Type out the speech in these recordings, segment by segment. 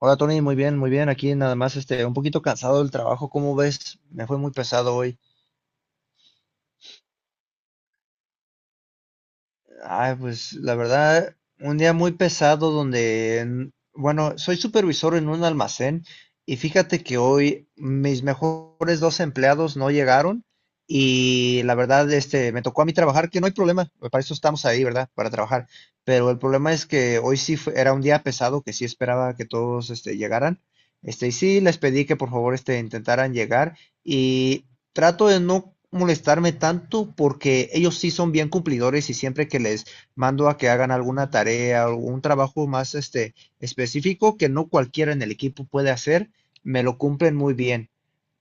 Hola Tony, muy bien, muy bien. Aquí nada más, un poquito cansado del trabajo, ¿cómo ves? Me fue muy pesado hoy. Ay, pues la verdad, un día muy pesado donde, bueno, soy supervisor en un almacén y fíjate que hoy mis mejores dos empleados no llegaron y la verdad, me tocó a mí trabajar, que no hay problema, para eso estamos ahí, ¿verdad? Para trabajar. Pero el problema es que hoy era un día pesado que sí esperaba que todos, llegaran. Y sí les pedí que por favor, intentaran llegar. Trato de no molestarme tanto porque ellos sí son bien cumplidores y siempre que les mando a que hagan alguna tarea o un trabajo más específico que no cualquiera en el equipo puede hacer, me lo cumplen muy bien.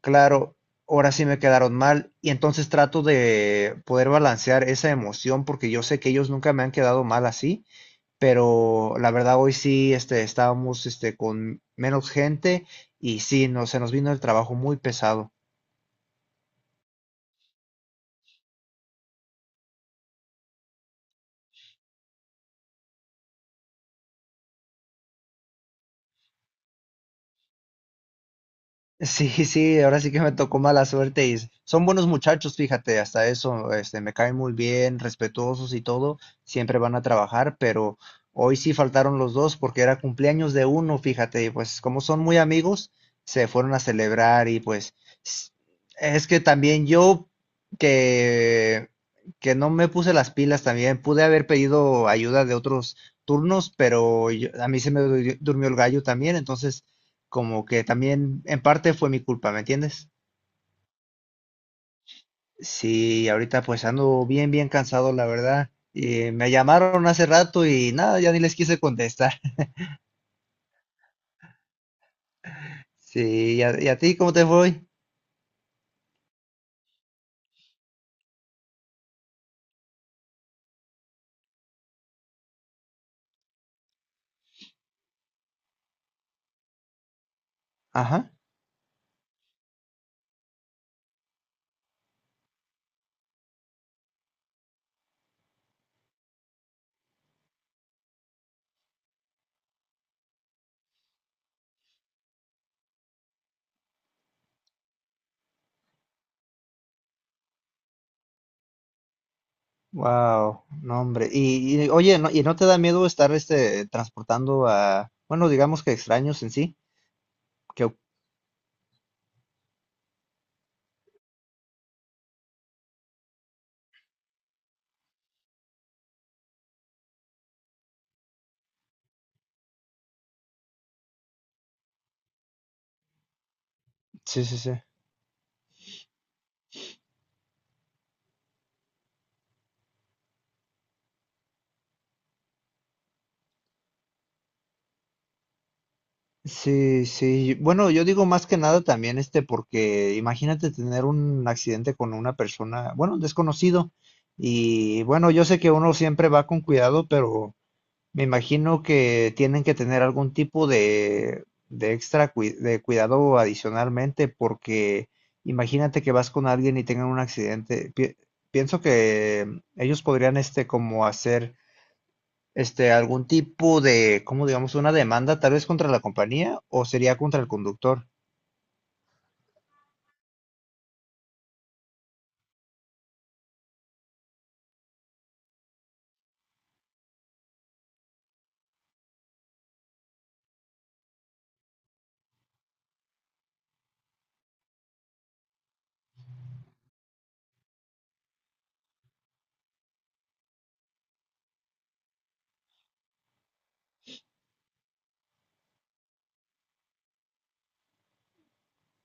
Claro, ahora sí me quedaron mal y entonces trato de poder balancear esa emoción porque yo sé que ellos nunca me han quedado mal así, pero la verdad hoy sí estábamos con menos gente y sí, no, se nos vino el trabajo muy pesado. Sí, sí, ahora sí que me tocó mala suerte y son buenos muchachos, fíjate, hasta eso, me caen muy bien, respetuosos y todo, siempre van a trabajar, pero hoy sí faltaron los dos porque era cumpleaños de uno, fíjate, y pues como son muy amigos, se fueron a celebrar y pues s- es que también yo que que no me puse las pilas también, pude haber pedido ayuda de otros turnos, pero a mí se me durmió el gallo también, entonces como que también en parte fue mi culpa, ¿me entiendes? Sí, ahorita pues ando bien, bien cansado, la verdad. Me llamaron hace rato y nada, ya ni les quise contestar. Sí, y a ti cómo te fue? Ajá. Wow, no hombre. Oye, no, ¿y no te da miedo estar transportando a, bueno, digamos que extraños en sí? Que, sí, sí, sí. Sí, sí. Bueno, yo digo más que nada también porque imagínate tener un accidente con una persona, bueno, un desconocido. Y bueno, yo sé que uno siempre va con cuidado, pero me imagino que tienen que tener algún tipo de de cuidado adicionalmente, porque imagínate que vas con alguien y tengan un accidente. Pienso que ellos podrían como hacer algún tipo de, ¿cómo digamos? Una demanda tal vez contra la compañía o sería contra el conductor.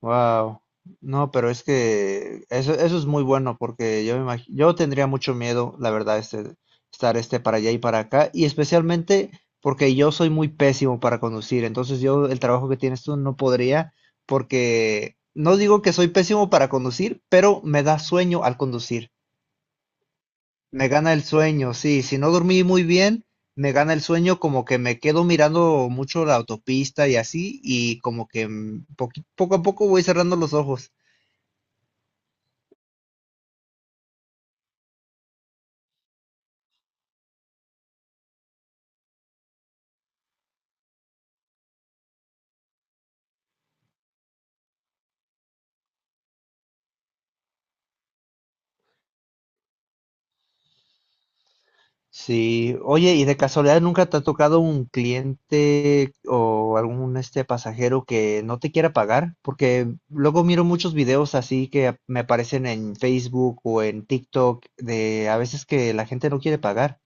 Wow. No, pero es que eso es muy bueno porque yo yo tendría mucho miedo, la verdad, estar para allá y para acá y especialmente porque yo soy muy pésimo para conducir, entonces yo el trabajo que tienes tú no podría porque no digo que soy pésimo para conducir, pero me da sueño al conducir. Me gana el sueño, sí. Si no dormí muy bien, me gana el sueño como que me quedo mirando mucho la autopista y así, y como que poco a poco voy cerrando los ojos. Sí, oye, ¿y de casualidad nunca te ha tocado un cliente o algún pasajero que no te quiera pagar? Porque luego miro muchos videos así que me aparecen en Facebook o en TikTok de a veces que la gente no quiere pagar.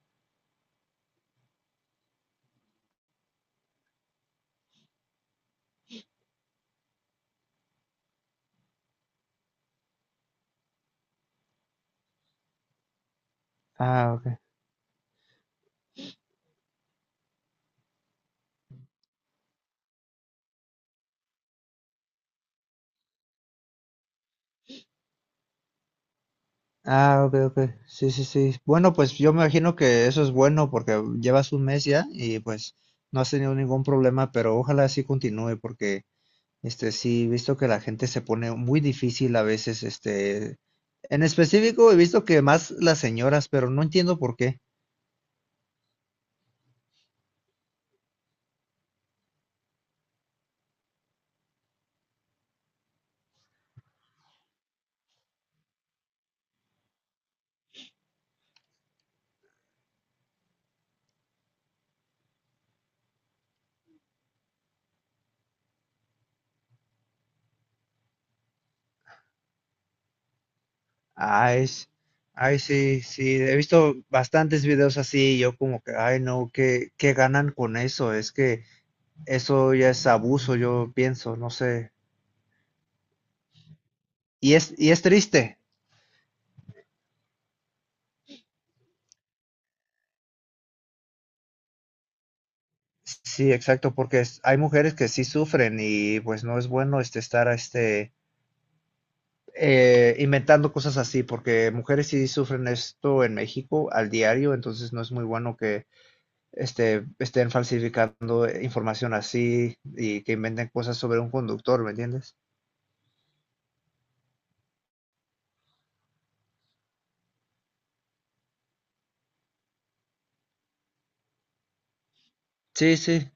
Ah, ok. Ah, ok, ok. Sí, sí, sí. Bueno, pues yo me imagino que eso es bueno porque llevas un mes ya y pues no has tenido ningún problema, pero ojalá así continúe porque, sí, he visto que la gente se pone muy difícil a veces, en específico he visto que más las señoras, pero no entiendo por qué. Ay, s- ay, sí, sí, he visto bastantes videos así y yo como que, ay, no, ¿qué, qué ganan con eso? Es que eso ya es abuso, yo pienso, no sé. Y es triste. Sí, exacto, porque hay mujeres que sí sufren y pues no es bueno estar inventando cosas así, porque mujeres sí sufren esto en México al diario, entonces no es muy bueno que estén falsificando información así y que inventen cosas sobre un conductor, ¿me entiendes? Sí, sí.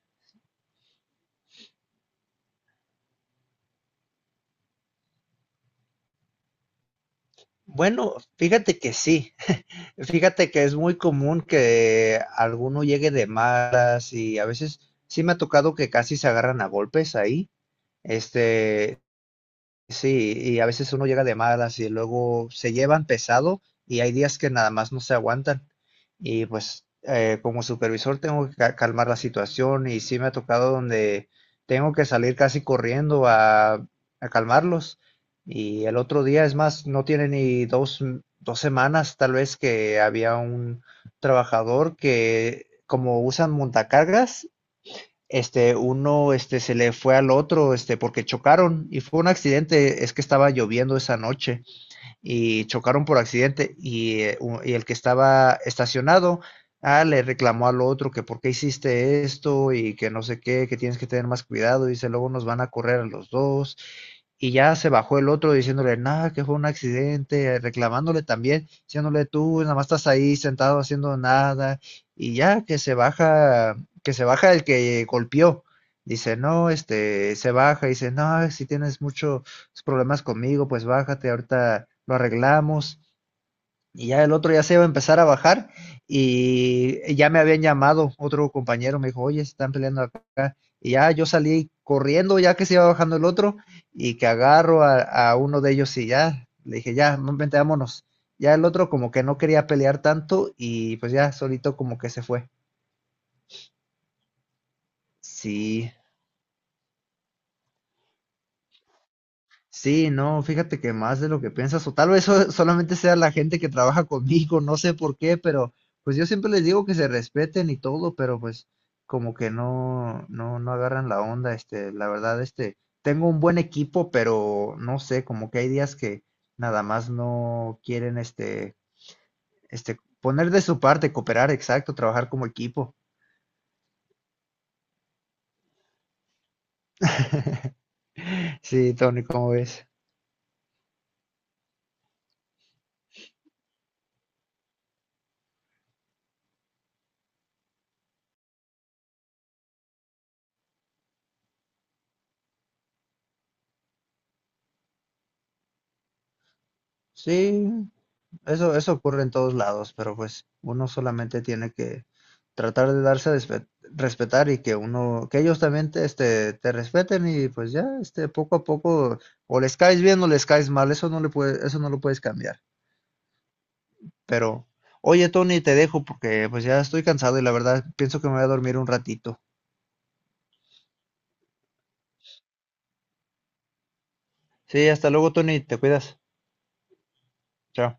Bueno, fíjate que sí. Fíjate que es muy común que alguno llegue de malas y a veces sí me ha tocado que casi se agarran a golpes ahí. Este, Sí, y a veces uno llega de malas y luego se llevan pesado y hay días que nada más no se aguantan. Y pues como supervisor tengo que calmar la situación y sí me ha tocado donde tengo que salir casi corriendo a calmarlos. Y el otro día, es más, no tiene ni dos semanas tal vez que había un trabajador que como usan montacargas, uno se le fue al otro porque chocaron y fue un accidente, es que estaba lloviendo esa noche y chocaron por accidente y el que estaba estacionado ah, le reclamó al otro que por qué hiciste esto y que no sé qué, que tienes que tener más cuidado, dice luego nos van a correr a los dos y ya se bajó el otro diciéndole nada, que fue un accidente, reclamándole también, diciéndole tú nada más estás ahí sentado haciendo nada y ya que se baja el que golpeó. Dice, no, se baja, y dice, no, si tienes mucho, tus problemas conmigo, pues bájate, ahorita lo arreglamos. Y ya el otro ya se iba a empezar a bajar y ya me habían llamado otro compañero, me dijo, oye, se están peleando acá. Y ya yo salí corriendo ya que se iba bajando el otro y que agarro a uno de ellos y ya le dije, ya, no, vente, vámonos. Ya el otro como que no quería pelear tanto y pues ya solito como que se fue. Sí, sí, no, fíjate que más de lo que piensas, o tal vez solamente sea la gente que trabaja conmigo, no sé por qué, pero pues yo siempre les digo que se respeten y todo, pero pues como que no agarran la onda, la verdad, tengo un buen equipo, pero no sé, como que hay días que nada más no quieren, poner de su parte, cooperar, exacto, trabajar como equipo. Sí, Tony, ¿cómo ves? Sí, eso ocurre en todos lados, pero pues uno solamente tiene que tratar de darse a respetar y que uno, que ellos también te, te respeten y pues ya, poco a poco, o les caes bien o les caes mal, eso no le puede, eso no lo puedes cambiar. Pero, oye, Tony, te dejo porque pues ya estoy cansado y la verdad pienso que me voy a dormir un ratito. Sí, hasta luego, Tony, te cuidas. Chao.